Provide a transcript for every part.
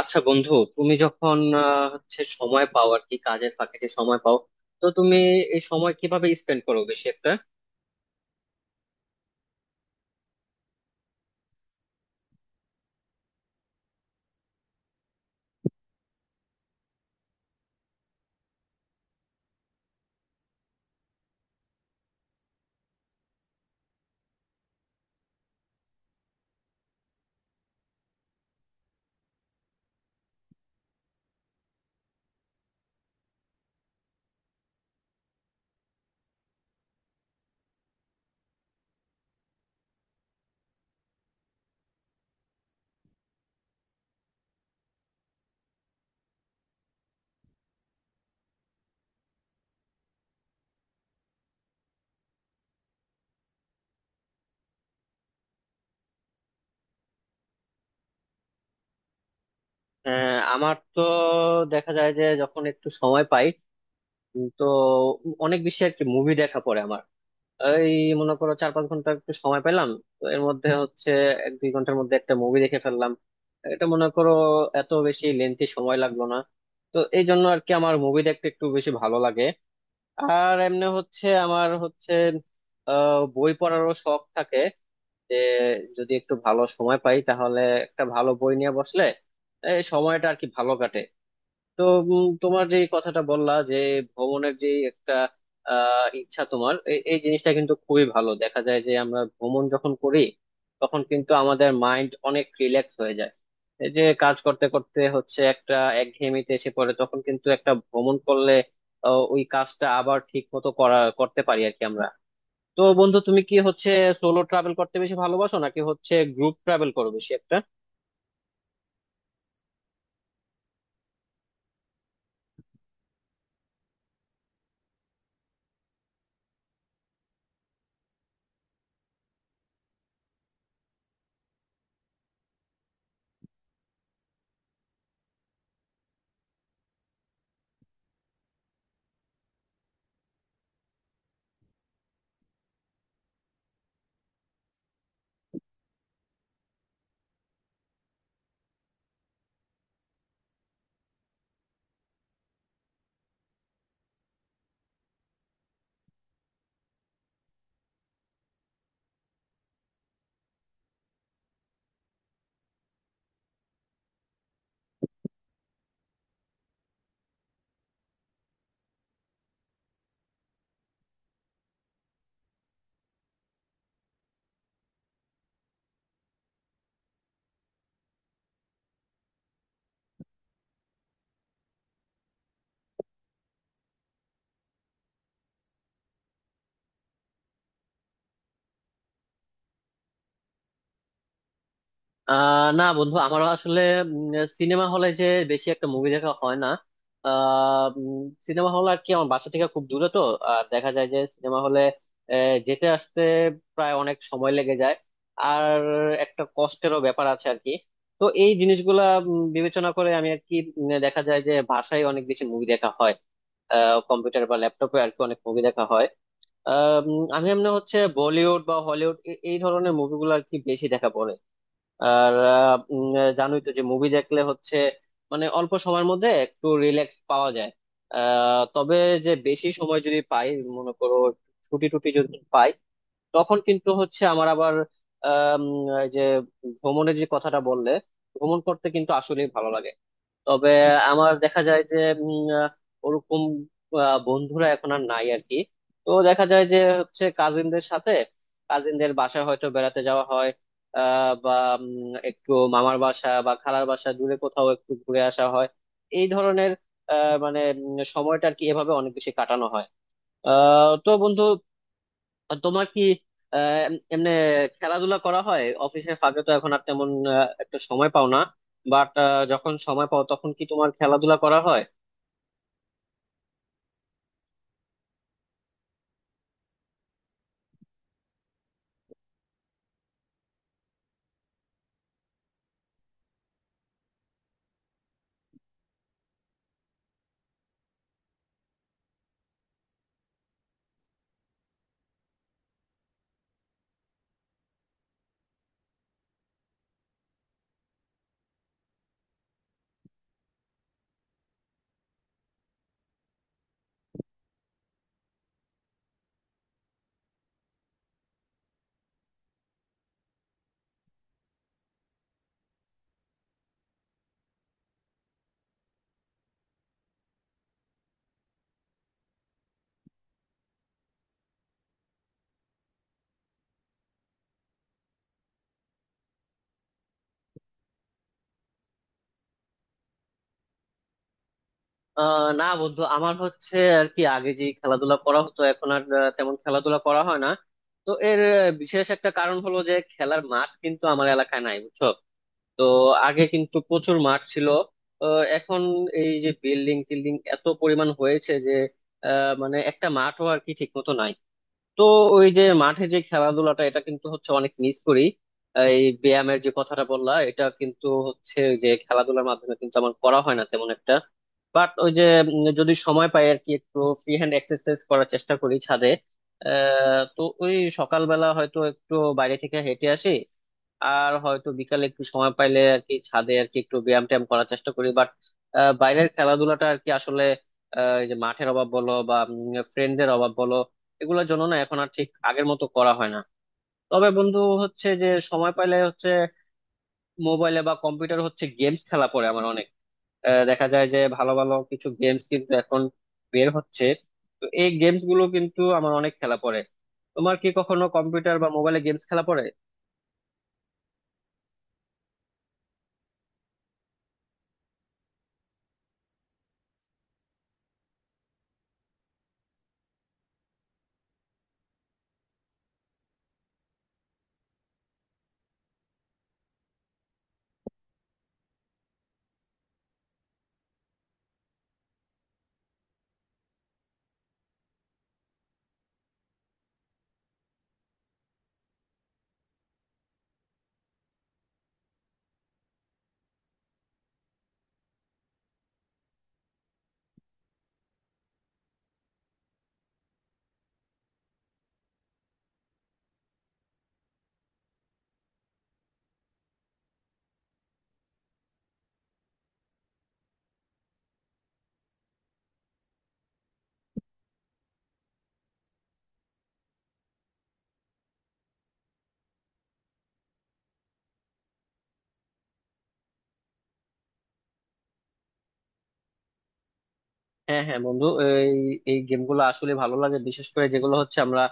আচ্ছা বন্ধু, তুমি যখন হচ্ছে সময় পাও আর কি, কাজের ফাঁকে যে সময় পাও, তো তুমি এই সময় কিভাবে স্পেন্ড করো বেশি একটা? আমার তো দেখা যায় যে যখন একটু সময় পাই, তো অনেক বেশি আর কি মুভি দেখা পড়ে আমার। এই মনে করো, চার পাঁচ ঘন্টা একটু সময় পেলাম, তো এর মধ্যে হচ্ছে এক দুই ঘন্টার মধ্যে একটা মুভি দেখে ফেললাম। এটা মনে করো এত বেশি লেন্থি সময় লাগলো না, তো এই জন্য আর কি আমার মুভি দেখতে একটু বেশি ভালো লাগে। আর এমনি হচ্ছে আমার হচ্ছে বই পড়ারও শখ থাকে, যে যদি একটু ভালো সময় পাই তাহলে একটা ভালো বই নিয়ে বসলে এই সময়টা আর কি ভালো কাটে। তো তোমার যে এই কথাটা বললা যে ভ্রমণের যে একটা ইচ্ছা তোমার, এই জিনিসটা কিন্তু খুবই ভালো। দেখা যায় যে আমরা ভ্রমণ যখন করি তখন কিন্তু আমাদের মাইন্ড অনেক রিল্যাক্স হয়ে যায়। এই যে কাজ করতে করতে হচ্ছে একটা একঘেয়েমিতে এসে পড়ে, তখন কিন্তু একটা ভ্রমণ করলে ওই কাজটা আবার ঠিক মতো করা করতে পারি আর কি আমরা। তো বন্ধু, তুমি কি হচ্ছে সোলো ট্রাভেল করতে বেশি ভালোবাসো, নাকি হচ্ছে গ্রুপ ট্রাভেল করো বেশি একটা? না বন্ধু, আমারও আসলে সিনেমা হলে যে বেশি একটা মুভি দেখা হয় না। সিনেমা হল আর কি আমার বাসা থেকে খুব দূরে, তো আর দেখা যায় যে সিনেমা হলে যেতে আসতে প্রায় অনেক সময় লেগে যায়, আর একটা কষ্টেরও ব্যাপার আছে আর কি। তো এই জিনিসগুলা বিবেচনা করে আমি আর কি দেখা যায় যে বাসায় অনেক বেশি মুভি দেখা হয়, কম্পিউটার বা ল্যাপটপে আর কি অনেক মুভি দেখা হয়। আমি এমনি হচ্ছে বলিউড বা হলিউড এই ধরনের মুভিগুলো আর কি বেশি দেখা পড়ে। আর জানোই তো যে মুভি দেখলে হচ্ছে মানে অল্প সময়ের মধ্যে একটু রিল্যাক্স পাওয়া যায়। তবে যে বেশি সময় যদি পাই, মনে করো ছুটি টুটি যদি পাই, তখন কিন্তু হচ্ছে আমার আবার আম, এই যে ভ্রমণের যে কথাটা বললে, ভ্রমণ করতে কিন্তু আসলেই ভালো লাগে। তবে আমার দেখা যায় যে উম, আহ, ওরকম বন্ধুরা এখন আর নাই আর কি। তো দেখা যায় যে হচ্ছে কাজিনদের সাথে, কাজিনদের বাসায় হয়তো বেড়াতে যাওয়া হয়। বা একটু মামার বাসা বা খালার বাসা দূরে কোথাও একটু ঘুরে আসা হয়, এই ধরনের মানে সময়টা আর কি এভাবে অনেক বেশি কাটানো হয়। তো বন্ধু, আর তোমার কি আহ এমনি খেলাধুলা করা হয়? অফিসের ফাঁকে তো এখন আর তেমন একটা সময় পাও না, বাট যখন সময় পাও তখন কি তোমার খেলাধুলা করা হয়? না বন্ধু, আমার হচ্ছে আর কি আগে যে খেলাধুলা করা হতো, এখন আর তেমন খেলাধুলা করা হয় না। তো এর বিশেষ একটা কারণ হলো যে খেলার মাঠ কিন্তু আমার এলাকায় নাই, বুঝছো? তো আগে কিন্তু প্রচুর মাঠ ছিল, তো এখন এই যে বিল্ডিং টিল্ডিং এত পরিমাণ হয়েছে যে মানে একটা মাঠও আর কি ঠিক মতো নাই। তো ওই যে মাঠে যে খেলাধুলাটা, এটা কিন্তু হচ্ছে অনেক মিস করি। এই ব্যায়ামের যে কথাটা বললা, এটা কিন্তু হচ্ছে ওই যে খেলাধুলার মাধ্যমে কিন্তু আমার করা হয় না তেমন একটা। বাট ওই যে যদি সময় পাই আর কি, একটু ফ্রি হ্যান্ড এক্সারসাইজ করার চেষ্টা করি ছাদে। তো ওই সকালবেলা হয়তো একটু বাইরে থেকে হেঁটে আসি, আর হয়তো বিকালে একটু সময় পাইলে আর কি ছাদে আর কি একটু ব্যায়াম ট্যায়াম করার চেষ্টা করি। বাট বাইরের খেলাধুলাটা আর কি আসলে এই যে মাঠের অভাব বলো বা ফ্রেন্ডদের অভাব বলো, এগুলোর জন্য না এখন আর ঠিক আগের মতো করা হয় না। তবে বন্ধু, হচ্ছে যে সময় পাইলে হচ্ছে মোবাইলে বা কম্পিউটার হচ্ছে গেমস খেলা পড়ে আমার অনেক। দেখা যায় যে ভালো ভালো কিছু গেমস কিন্তু এখন বের হচ্ছে, তো এই গেমস গুলো কিন্তু আমার অনেক খেলা পড়ে। তোমার কি কখনো কম্পিউটার বা মোবাইলে গেমস খেলা পড়ে? হ্যাঁ হ্যাঁ বন্ধু, এই এই গেমগুলো আসলে ভালো লাগে, বিশেষ করে যেগুলো হচ্ছে আমরা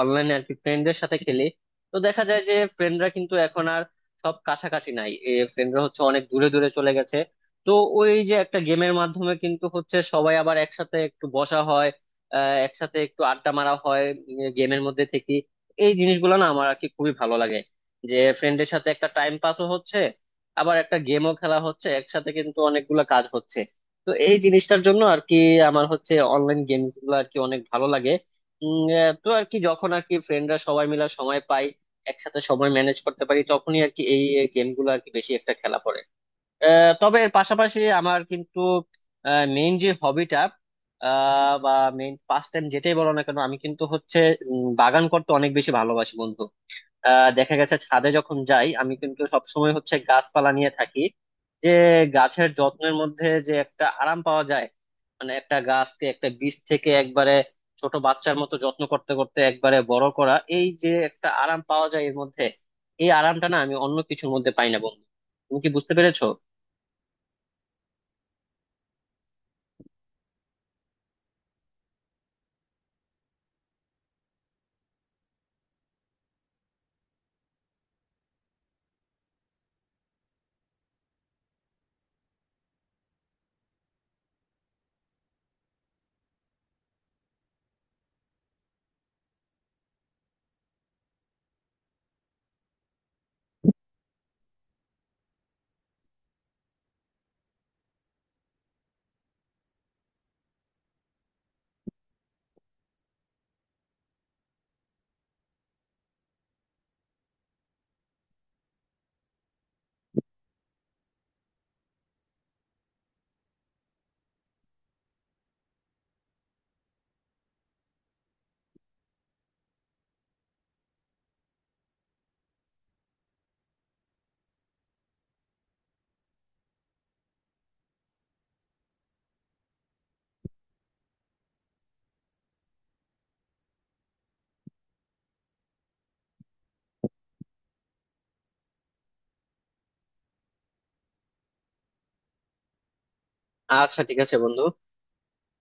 অনলাইনে আর কি ফ্রেন্ডদের সাথে খেলি। তো দেখা যায় যে ফ্রেন্ডরা কিন্তু এখন আর সব কাছাকাছি নাই, ফ্রেন্ডরা হচ্ছে অনেক দূরে দূরে চলে গেছে। তো ওই যে একটা গেমের মাধ্যমে কিন্তু হচ্ছে সবাই আবার একসাথে একটু বসা হয়, একসাথে একটু আড্ডা মারা হয় গেমের মধ্যে থেকে। এই জিনিসগুলো না আমার আর কি খুবই ভালো লাগে, যে ফ্রেন্ডের সাথে একটা টাইম পাসও হচ্ছে, আবার একটা গেমও খেলা হচ্ছে, একসাথে কিন্তু অনেকগুলো কাজ হচ্ছে। তো এই জিনিসটার জন্য আর কি আমার হচ্ছে অনলাইন গেমস গুলো আর কি অনেক ভালো লাগে। তো আর কি যখন আর কি ফ্রেন্ডরা সবাই মিলে সময় পাই, একসাথে সময় ম্যানেজ করতে পারি, তখনই আর কি এই গেম গুলো আর কি বেশি একটা খেলা পড়ে। তবে এর পাশাপাশি আমার কিন্তু মেইন যে হবিটা বা মেইন পাস্ট টাইম যেটাই বলো না কেন, আমি কিন্তু হচ্ছে বাগান করতে অনেক বেশি ভালোবাসি বন্ধু। দেখা গেছে ছাদে যখন যাই আমি কিন্তু সবসময় হচ্ছে গাছপালা নিয়ে থাকি, যে গাছের যত্নের মধ্যে যে একটা আরাম পাওয়া যায়। মানে একটা গাছকে একটা বীজ থেকে একবারে ছোট বাচ্চার মতো যত্ন করতে করতে একবারে বড় করা, এই যে একটা আরাম পাওয়া যায় এর মধ্যে, এই আরামটা না আমি অন্য কিছুর মধ্যে পাই না বন্ধু। তুমি কি বুঝতে পেরেছো? আচ্ছা ঠিক আছে বন্ধু।